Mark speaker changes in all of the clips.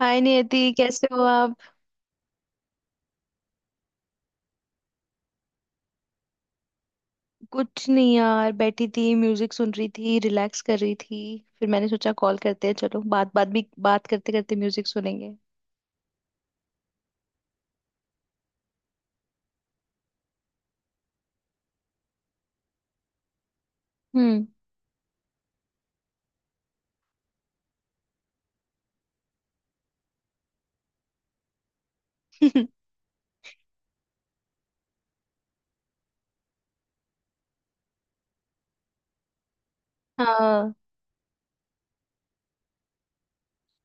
Speaker 1: हाय नियति, कैसे हो आप? कुछ नहीं यार, बैठी थी म्यूजिक सुन रही थी, रिलैक्स कर रही थी। फिर मैंने सोचा कॉल करते हैं, चलो बात बात भी बात करते करते म्यूजिक सुनेंगे। हम्म। हाँ,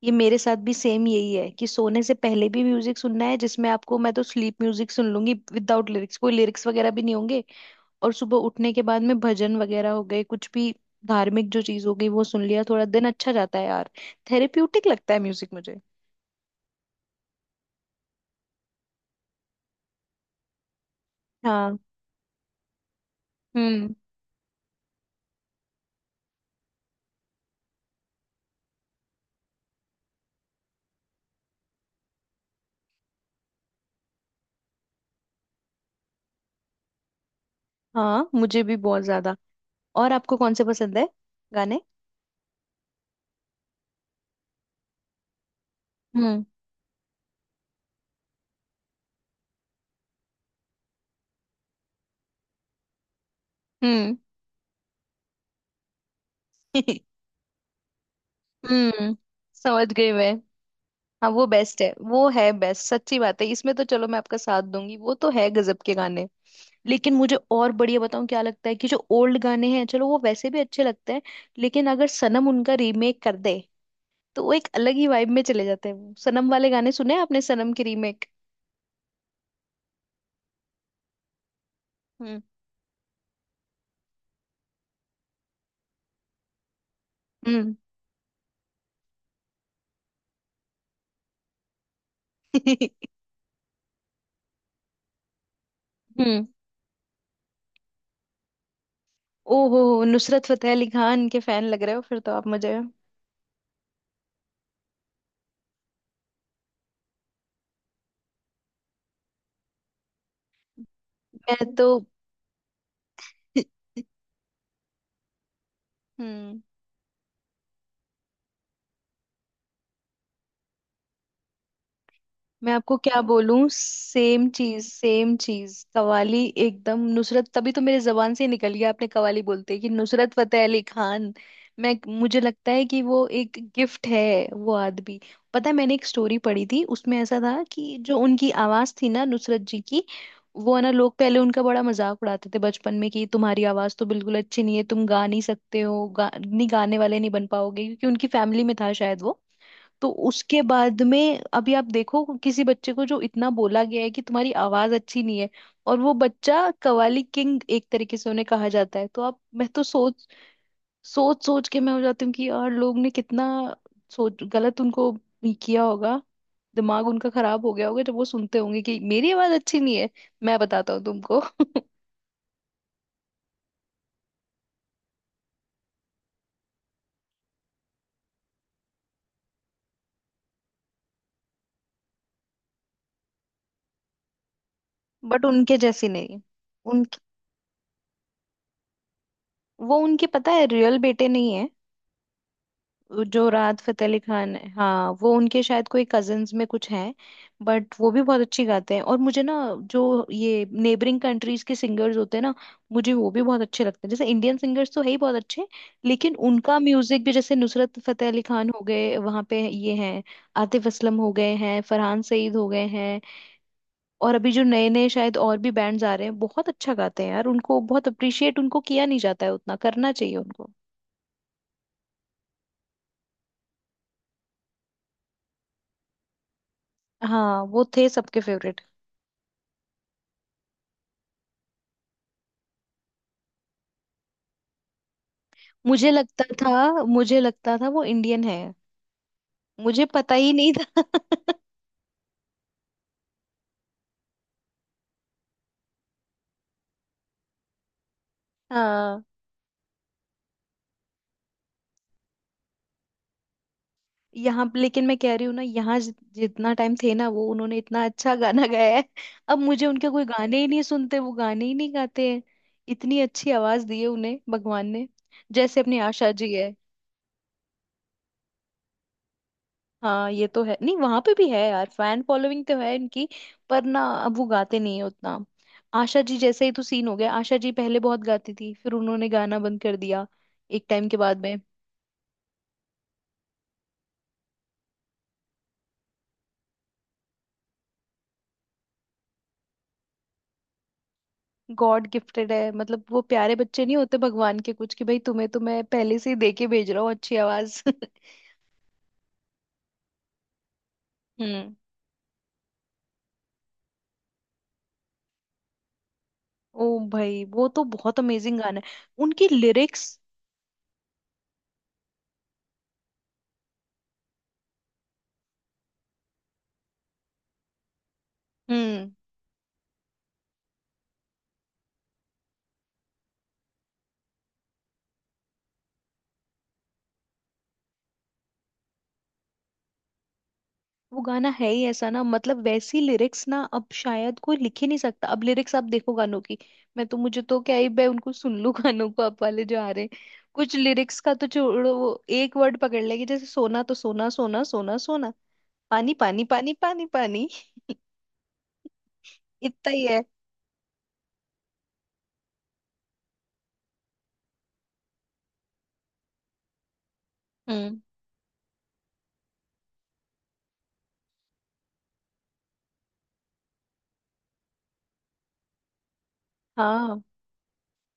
Speaker 1: ये मेरे साथ भी सेम यही है कि सोने से पहले भी म्यूजिक सुनना है, जिसमें आपको मैं तो स्लीप म्यूजिक सुन लूंगी विदाउट लिरिक्स, कोई लिरिक्स वगैरह भी नहीं होंगे। और सुबह उठने के बाद में भजन वगैरह हो गए, कुछ भी धार्मिक जो चीज हो गई वो सुन लिया, थोड़ा दिन अच्छा जाता है यार। थेरेप्यूटिक लगता है म्यूजिक मुझे। हाँ। हम्म। हाँ, मुझे भी बहुत ज्यादा। और आपको कौन से पसंद है गाने? हम्म। हम्म। हम्म, समझ गई मैं। हाँ वो बेस्ट है, वो है बेस्ट, सच्ची बात है, इसमें तो चलो मैं आपका साथ दूंगी, वो तो है गजब के गाने। लेकिन मुझे और बढ़िया बताऊं क्या लगता है, कि जो ओल्ड गाने हैं चलो वो वैसे भी अच्छे लगते हैं, लेकिन अगर सनम उनका रीमेक कर दे तो वो एक अलग ही वाइब में चले जाते हैं। वो सनम वाले गाने सुने हैं आपने, सनम की रीमेक? हम्म। हम्म। हम्म। ओहो, नुसरत फतेह अली खान के फैन लग रहे हो फिर तो आप। मुझे मैं तो हम्म। मैं आपको क्या बोलूं, सेम चीज सेम चीज, कवाली, एकदम नुसरत, तभी तो मेरे जबान से ही निकल गया आपने कवाली बोलते कि नुसरत फतेह अली खान। मैं मुझे लगता है कि वो एक गिफ्ट है, वो आदमी। पता है, मैंने एक स्टोरी पढ़ी थी, उसमें ऐसा था कि जो उनकी आवाज थी ना नुसरत जी की, वो है ना, लोग पहले उनका बड़ा मजाक उड़ाते थे बचपन में कि तुम्हारी आवाज तो बिल्कुल अच्छी नहीं है, तुम गा नहीं सकते हो, नहीं गाने वाले नहीं बन पाओगे, क्योंकि उनकी फैमिली में था शायद वो। तो उसके बाद में अभी आप देखो, किसी बच्चे को जो इतना बोला गया है कि तुम्हारी आवाज अच्छी नहीं है और वो बच्चा कवाली किंग एक तरीके से उन्हें कहा जाता है, तो आप, मैं तो सोच सोच सोच के मैं हो जाती हूँ कि यार लोग ने कितना सोच गलत उनको किया होगा। दिमाग उनका खराब हो गया होगा जब वो सुनते होंगे कि मेरी आवाज अच्छी नहीं है, मैं बताता हूँ तुमको। बट उनके जैसी नहीं। उनके, वो उनके, पता है रियल बेटे नहीं, वो जो राहत फतेह अली खान है हाँ, वो उनके शायद कोई कजिन्स में कुछ हैं। बट वो भी बहुत अच्छी गाते हैं। और मुझे ना, जो ये नेबरिंग कंट्रीज के सिंगर्स होते हैं ना, मुझे वो भी बहुत अच्छे लगते हैं। जैसे इंडियन सिंगर्स तो है ही बहुत अच्छे, लेकिन उनका म्यूजिक भी, जैसे नुसरत फतेह अली खान हो गए, वहाँ पे ये हैं आतिफ असलम हो गए हैं, फरहान सईद हो गए हैं, और अभी जो नए नए शायद और भी बैंड्स आ रहे हैं, बहुत अच्छा गाते हैं यार। उनको बहुत अप्रिशिएट उनको किया नहीं जाता है, उतना करना चाहिए उनको। हाँ वो थे सबके फेवरेट। मुझे लगता था वो इंडियन है, मुझे पता ही नहीं था। हाँ। लेकिन मैं कह रही हूँ ना, यहाँ जितना टाइम थे ना वो, उन्होंने इतना अच्छा गाना गाया है। अब मुझे उनके कोई गाने ही नहीं सुनते, वो गाने ही नहीं गाते हैं। इतनी अच्छी आवाज दी है उन्हें भगवान ने, जैसे अपनी आशा जी है। हाँ ये तो है, नहीं वहां पे भी है यार, फैन फॉलोइंग तो है इनकी, पर ना अब वो गाते नहीं है उतना। आशा जी जैसे ही तो सीन हो गया, आशा जी पहले बहुत गाती थी फिर उन्होंने गाना बंद कर दिया एक टाइम के बाद में। गॉड गिफ्टेड है मतलब, वो प्यारे बच्चे नहीं होते भगवान के कुछ, कि भाई तुम्हें तो मैं पहले से ही दे के भेज रहा हूँ अच्छी आवाज। हम्म। ओ भाई, वो तो बहुत अमेजिंग गाना है, उनकी लिरिक्स। हम्म। वो गाना है ही ऐसा ना, मतलब वैसी लिरिक्स ना अब शायद कोई लिख ही नहीं सकता। अब लिरिक्स आप देखो गानों की, मैं तो, मुझे तो क्या ही, मैं उनको सुन लूं गानों को अब वाले जो आ रहे हैं। कुछ लिरिक्स का तो छोड़ो, वो एक वर्ड पकड़ लेगी, जैसे सोना तो सोना सोना सोना सोना, पानी पानी पानी पानी पानी, इतना ही है। हम्म। हाँ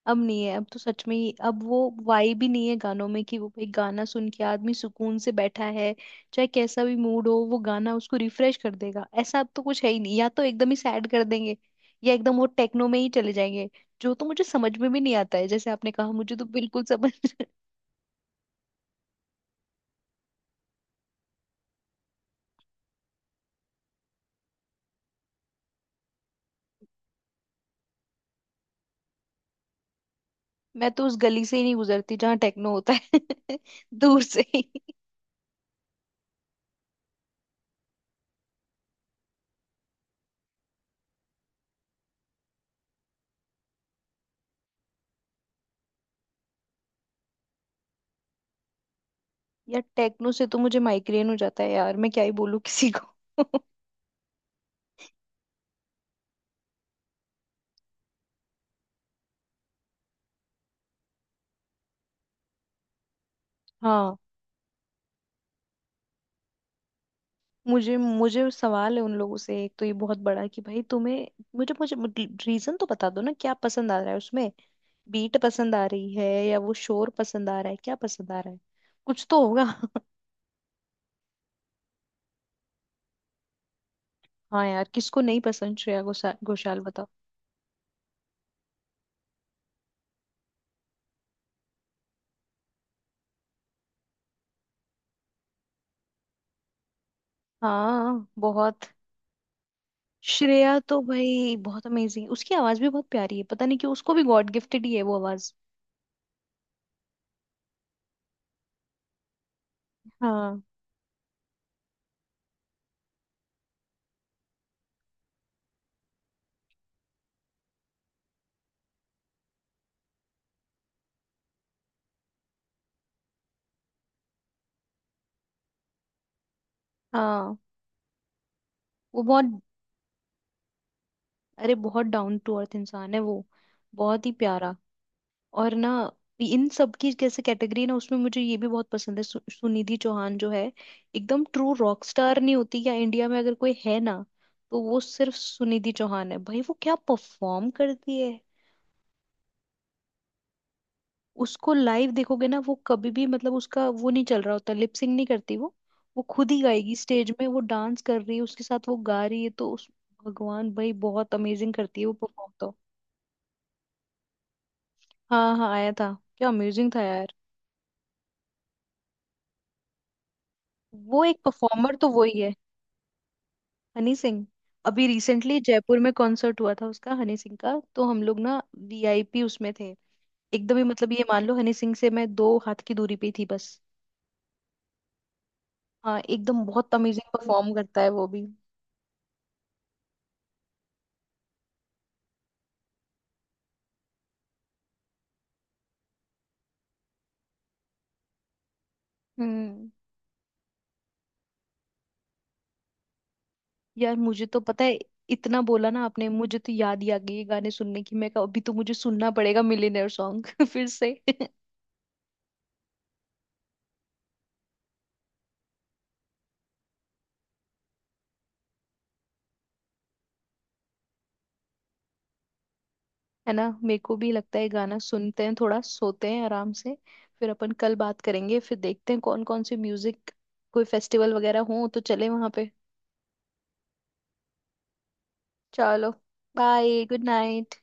Speaker 1: अब नहीं है, अब तो सच में ही, अब वो वाइब ही नहीं है गानों में कि वो भाई गाना सुन के आदमी सुकून से बैठा है। चाहे कैसा भी मूड हो वो गाना उसको रिफ्रेश कर देगा, ऐसा अब तो कुछ है ही नहीं। या तो एकदम ही सैड कर देंगे, या एकदम वो टेक्नो में ही चले जाएंगे, जो तो मुझे समझ में भी नहीं आता है। जैसे आपने कहा, मुझे तो बिल्कुल समझ मैं तो उस गली से ही नहीं गुजरती जहाँ टेक्नो होता है। दूर से ही। यार टेक्नो से तो मुझे माइग्रेन हो जाता है यार, मैं क्या ही बोलूँ किसी को। हाँ। मुझे मुझे सवाल है उन लोगों से, एक तो ये बहुत बड़ा है कि भाई तुम्हें, मुझे मुझे रीजन तो बता दो ना क्या पसंद आ रहा है उसमें। बीट पसंद आ रही है या वो शोर पसंद आ रहा है, क्या पसंद आ रहा है, कुछ तो होगा। हाँ यार, किसको नहीं पसंद श्रेया घोषाल, घोषाल बताओ। हाँ बहुत। श्रेया तो भाई बहुत अमेजिंग, उसकी आवाज भी बहुत प्यारी है, पता नहीं क्यों, उसको भी गॉड गिफ्टेड ही है वो आवाज। हाँ हाँ। वो बहुत, अरे बहुत डाउन टू अर्थ इंसान है वो, बहुत ही प्यारा। और ना इन सब की कैसे कैटेगरी ना, उसमें मुझे ये भी बहुत पसंद है सुनिधि चौहान, जो है एकदम ट्रू रॉक स्टार, नहीं होती या इंडिया में अगर कोई है ना, तो वो सिर्फ सुनिधि चौहान है भाई, वो क्या परफॉर्म करती है। उसको लाइव देखोगे ना वो कभी भी, मतलब उसका वो नहीं चल रहा होता, लिपसिंग नहीं करती वो। वो खुद ही गाएगी, स्टेज में वो डांस कर रही है उसके साथ वो गा रही है, तो उस भगवान, भाई बहुत अमेजिंग करती है वो परफॉर्म तो। हाँ हाँ आया था, क्या अमेजिंग था यार। वो एक परफॉर्मर तो वही है। हनी सिंह, अभी रिसेंटली जयपुर में कॉन्सर्ट हुआ था उसका, हनी सिंह का, तो हम लोग ना वीआईपी उसमें थे, एकदम ही मतलब ये मान लो हनी सिंह से मैं दो हाथ की दूरी पे ही थी बस। हाँ एकदम बहुत अमेजिंग परफॉर्म करता है वो भी। हम्म। यार मुझे तो पता है, इतना बोला ना आपने, मुझे तो याद ही आ गई ये गाने सुनने की, मैं कहा अभी तो मुझे सुनना पड़ेगा मिलियनेयर सॉन्ग फिर से। है ना, मेरे को भी लगता है गाना सुनते हैं थोड़ा, सोते हैं आराम से, फिर अपन कल बात करेंगे, फिर देखते हैं कौन कौन से म्यूजिक, कोई फेस्टिवल वगैरह हो तो चले वहां पे। चलो, बाय, गुड नाइट।